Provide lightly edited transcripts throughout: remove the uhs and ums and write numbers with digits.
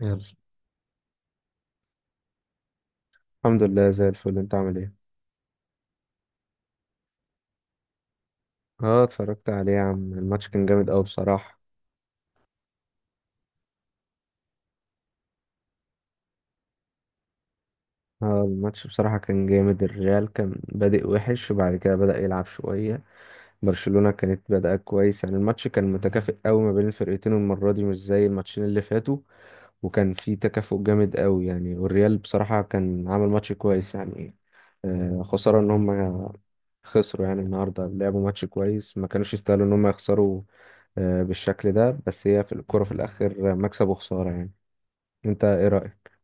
يلا. الحمد لله زي الفل، انت عامل ايه؟ اه، اتفرجت عليه يا عم. الماتش كان جامد قوي بصراحة. اه، الماتش بصراحة كان جامد. الريال كان بادئ وحش وبعد كده بدأ يلعب شوية. برشلونة كانت بادئة كويس، يعني الماتش كان متكافئ قوي ما بين الفرقتين، والمرة دي مش زي الماتشين اللي فاتوا. وكان في تكافؤ جامد قوي يعني، والريال بصراحة كان عامل ماتش كويس يعني. آه، خسارة ان هم خسروا يعني. النهاردة لعبوا ماتش كويس، ما كانوش يستاهلوا ان هم يخسروا بالشكل ده. بس هي في الكرة في الآخر مكسب وخسارة يعني. أنت إيه رأيك؟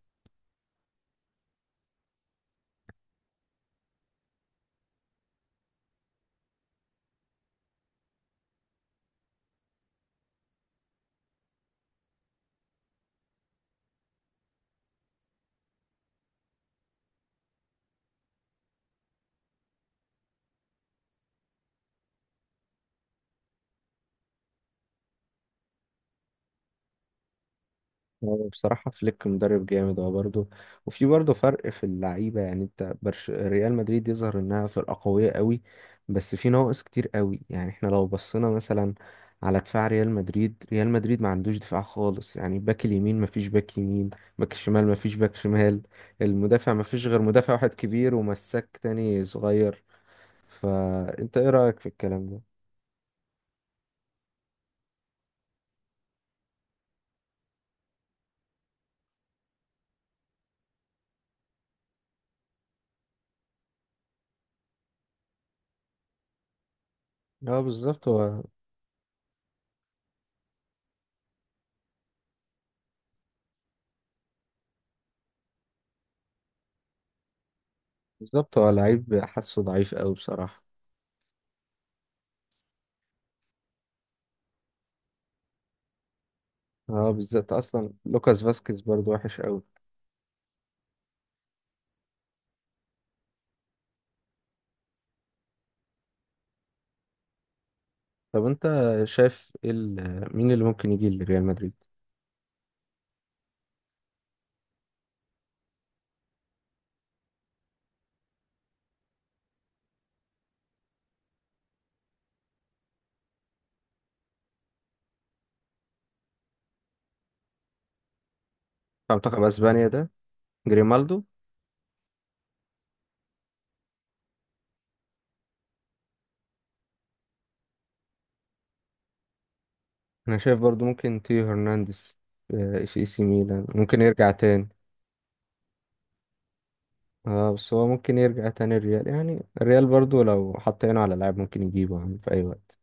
هو بصراحة فليك مدرب جامد هو برضه، وفي برضه فرق في اللعيبة. يعني أنت ريال مدريد يظهر إنها فرقة قوية قوي، بس في نواقص كتير قوي. يعني إحنا لو بصينا مثلا على دفاع ريال مدريد، ريال مدريد ما عندوش دفاع خالص يعني. باك اليمين ما فيش باك يمين، باك الشمال ما فيش باك شمال، المدافع ما فيش غير مدافع واحد كبير ومساك تاني صغير. فأنت إيه رأيك في الكلام ده؟ اه بالظبط. هو بالظبط، هو لعيب حاسه ضعيف قوي بصراحة. اه، بالذات اصلا لوكاس فاسكيز برضو وحش قوي. طب انت شايف ايه مين اللي ممكن يجي لريال مدريد بتاع منتخب اسبانيا ده؟ جريمالدو. انا شايف برضو ممكن تيو هرنانديز في اي سي ميلان ممكن يرجع تاني. اه بس هو ممكن يرجع تاني الريال، يعني الريال برضو لو حط عينه على لاعب ممكن يجيبه يعني في اي وقت.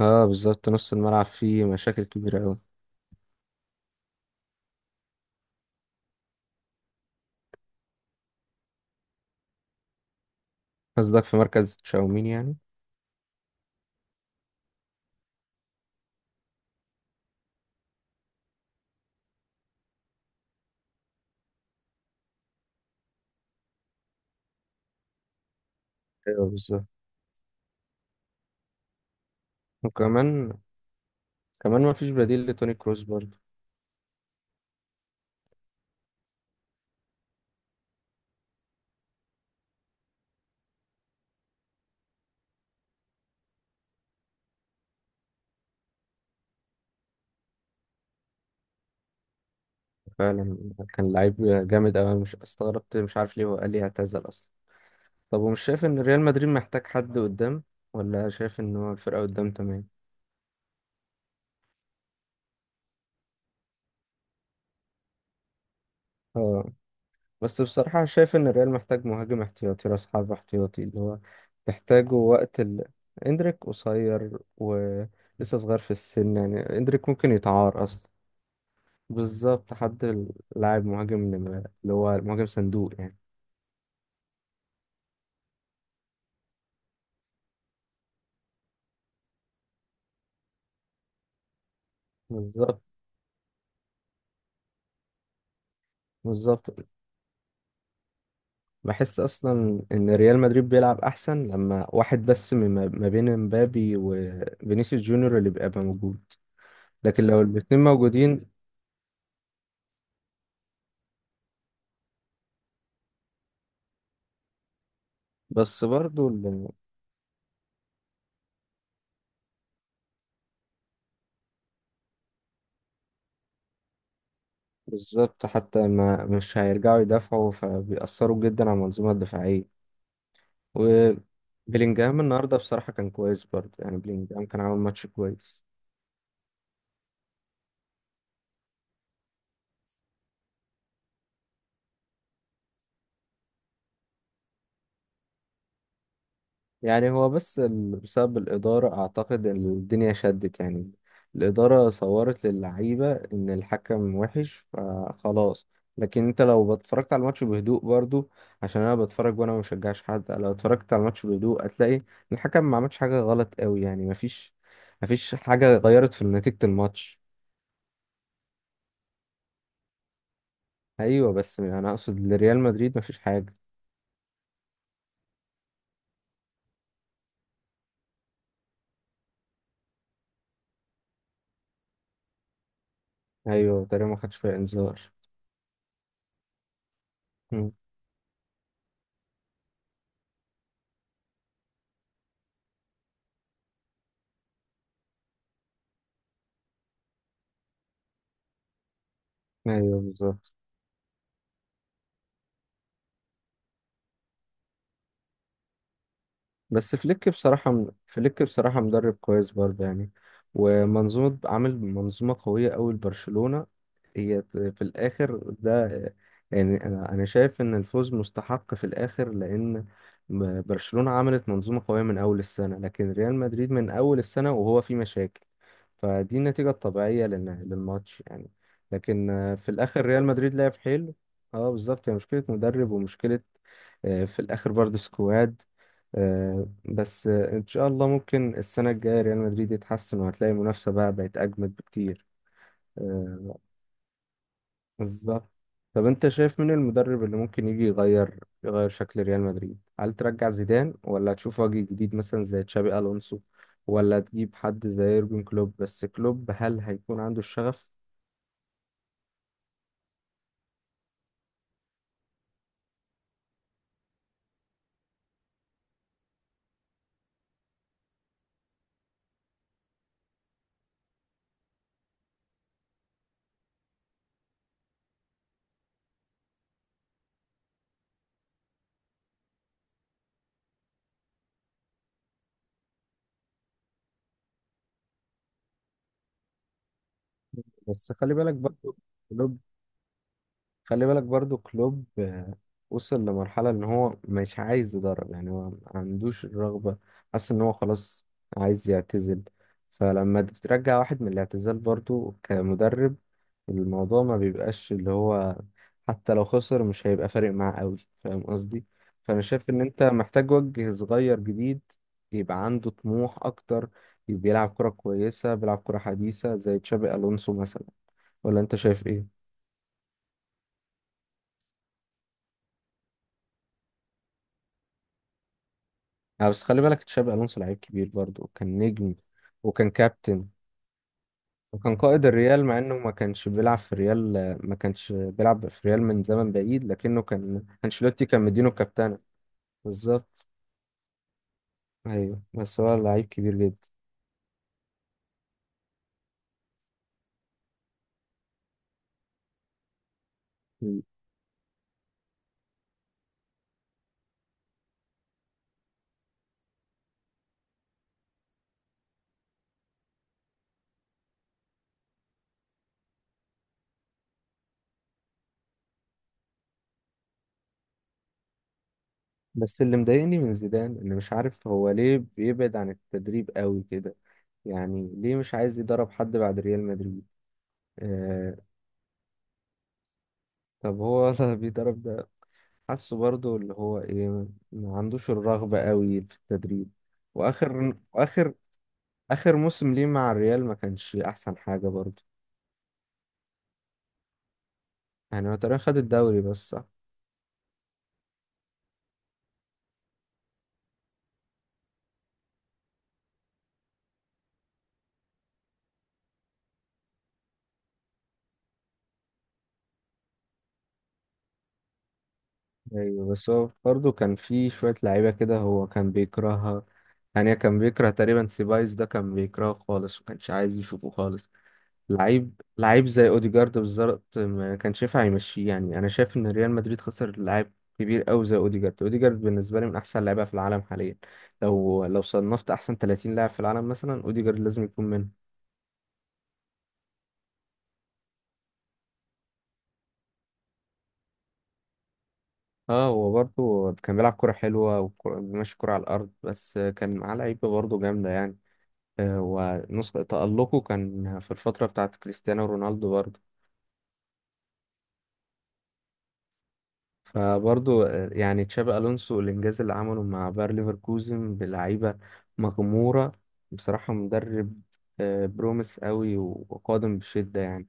اه بالظبط، نص الملعب فيه مشاكل كبيرة قوي. قصدك في مركز تشاوميني يعني؟ ايوه بالظبط. وكمان كمان ما فيش بديل لتوني كروس برضه. فعلا، كان لعيب جامد أوي. أنا مش استغربت، مش عارف ليه هو قال لي اعتزل أصلا. طب ومش شايف إن ريال مدريد محتاج حد قدام، ولا شايف إن هو الفرقة قدام تمام؟ اه بس بصراحة شايف إن الريال محتاج مهاجم احتياطي، راس حربة احتياطي اللي هو تحتاجه وقت إندريك قصير ولسه صغير في السن، يعني إندريك ممكن يتعار أصلا. بالظبط، حد، لاعب مهاجم اللي هو مهاجم صندوق يعني. بالظبط بالظبط. بحس اصلا ان ريال مدريد بيلعب احسن لما واحد بس من ما بين امبابي وفينيسيوس جونيور اللي بيبقى موجود. لكن لو الاتنين موجودين، بس برضو بالظبط. حتى ما مش هيرجعوا يدافعوا، فبيأثروا جدا على المنظومة الدفاعية. وبيلينجهام النهارده بصراحة كان كويس برضو، يعني بيلينجهام كان عامل ماتش كويس. يعني هو بس بسبب الإدارة أعتقد الدنيا شدت يعني. الإدارة صورت للعيبة إن الحكم وحش فخلاص. لكن أنت لو اتفرجت على الماتش بهدوء برضو، عشان أنا بتفرج وأنا مشجعش حد، لو اتفرجت على الماتش بهدوء هتلاقي الحكم ما عملش حاجة غلط قوي يعني. مفيش حاجة غيرت في نتيجة الماتش. أيوة بس أنا أقصد لريال مدريد مفيش حاجة. أيوة تقريبا ما خدش فيها إنذار. مم. أيوة بالظبط. بس فليك بصراحة مدرب كويس برضه يعني، ومنظومة، عامل منظومة قوية أوي لبرشلونة. هي في الآخر ده، يعني أنا شايف إن الفوز مستحق في الآخر، لأن برشلونة عملت منظومة قوية من أول السنة، لكن ريال مدريد من أول السنة وهو في مشاكل. فدي النتيجة الطبيعية للماتش يعني. لكن في الآخر ريال مدريد لعب حلو. اه بالظبط، هي مشكلة مدرب، ومشكلة في الآخر برضه سكواد. آه، بس ان شاء الله ممكن السنه الجايه ريال مدريد يتحسن، وهتلاقي المنافسه بقى بقت اجمد بكتير. آه، بالظبط. طب انت شايف مين المدرب اللي ممكن يجي يغير شكل ريال مدريد؟ هل ترجع زيدان، ولا تشوف وجه جديد مثلا زي تشابي الونسو، ولا تجيب حد زي يورجن كلوب؟ بس كلوب هل هيكون عنده الشغف؟ بس خلي بالك برضه، كلوب خلي بالك برضو كلوب وصل لمرحلة ان هو مش عايز يدرب يعني. هو ما عندوش الرغبة، حاسس ان هو خلاص عايز يعتزل. فلما ترجع واحد من الاعتزال برضو كمدرب، الموضوع ما بيبقاش اللي هو، حتى لو خسر مش هيبقى فارق معاه قوي. فاهم قصدي؟ فانا شايف ان انت محتاج وجه صغير جديد، يبقى عنده طموح اكتر، بيلعب كرة كويسة، بيلعب كرة حديثة زي تشابي الونسو مثلا. ولا انت شايف ايه؟ بس خلي بالك تشابي الونسو لعيب كبير برضه، وكان نجم، وكان كابتن، وكان قائد الريال مع انه ما كانش بيلعب في الريال. ما كانش بيلعب في الريال من زمن بعيد، لكنه كان انشيلوتي كان مدينه الكابتنة. بالظبط. ايوه بس هو لعيب كبير جدا. م. بس اللي مضايقني من زيدان ان مش عارف هو ليه بيبعد عن التدريب قوي كده. يعني ليه مش عايز يدرب حد بعد ريال مدريد؟ آه. طب هو ولا بيدرب؟ حاسه برضو اللي هو ايه، ما عندوش الرغبة قوي في التدريب. واخر واخر اخر موسم ليه مع الريال ما كانش احسن حاجة برضو. يعني هو تقريبا خد الدوري بس، صح؟ ايوه بس هو برضو كان في شوية لعيبة كده هو كان بيكرهها. يعني كان بيكره تقريبا سيبايوس، ده كان بيكرهه خالص وكانش عايز يشوفه خالص. لعيب لعيب زي اوديجارد بالظبط ما كانش ينفع يمشيه. يعني انا شايف ان ريال مدريد خسر لاعب كبير قوي زي اوديجارد. اوديجارد بالنسبه لي من احسن اللعيبه في العالم حاليا. لو صنفت احسن 30 لاعب في العالم مثلا، اوديجارد لازم يكون منهم. اه هو برضه كان بيلعب كرة حلوة، وماشي كرة على الأرض، بس كان معاه لعيبة برضه جامدة يعني. ونسخة تألقه كان في الفترة بتاعت كريستيانو رونالدو برضه. فبرضه يعني تشابي الونسو، الانجاز اللي عمله مع باير ليفركوزن بلعيبه مغموره بصراحه، مدرب بروميس قوي وقادم بشده يعني.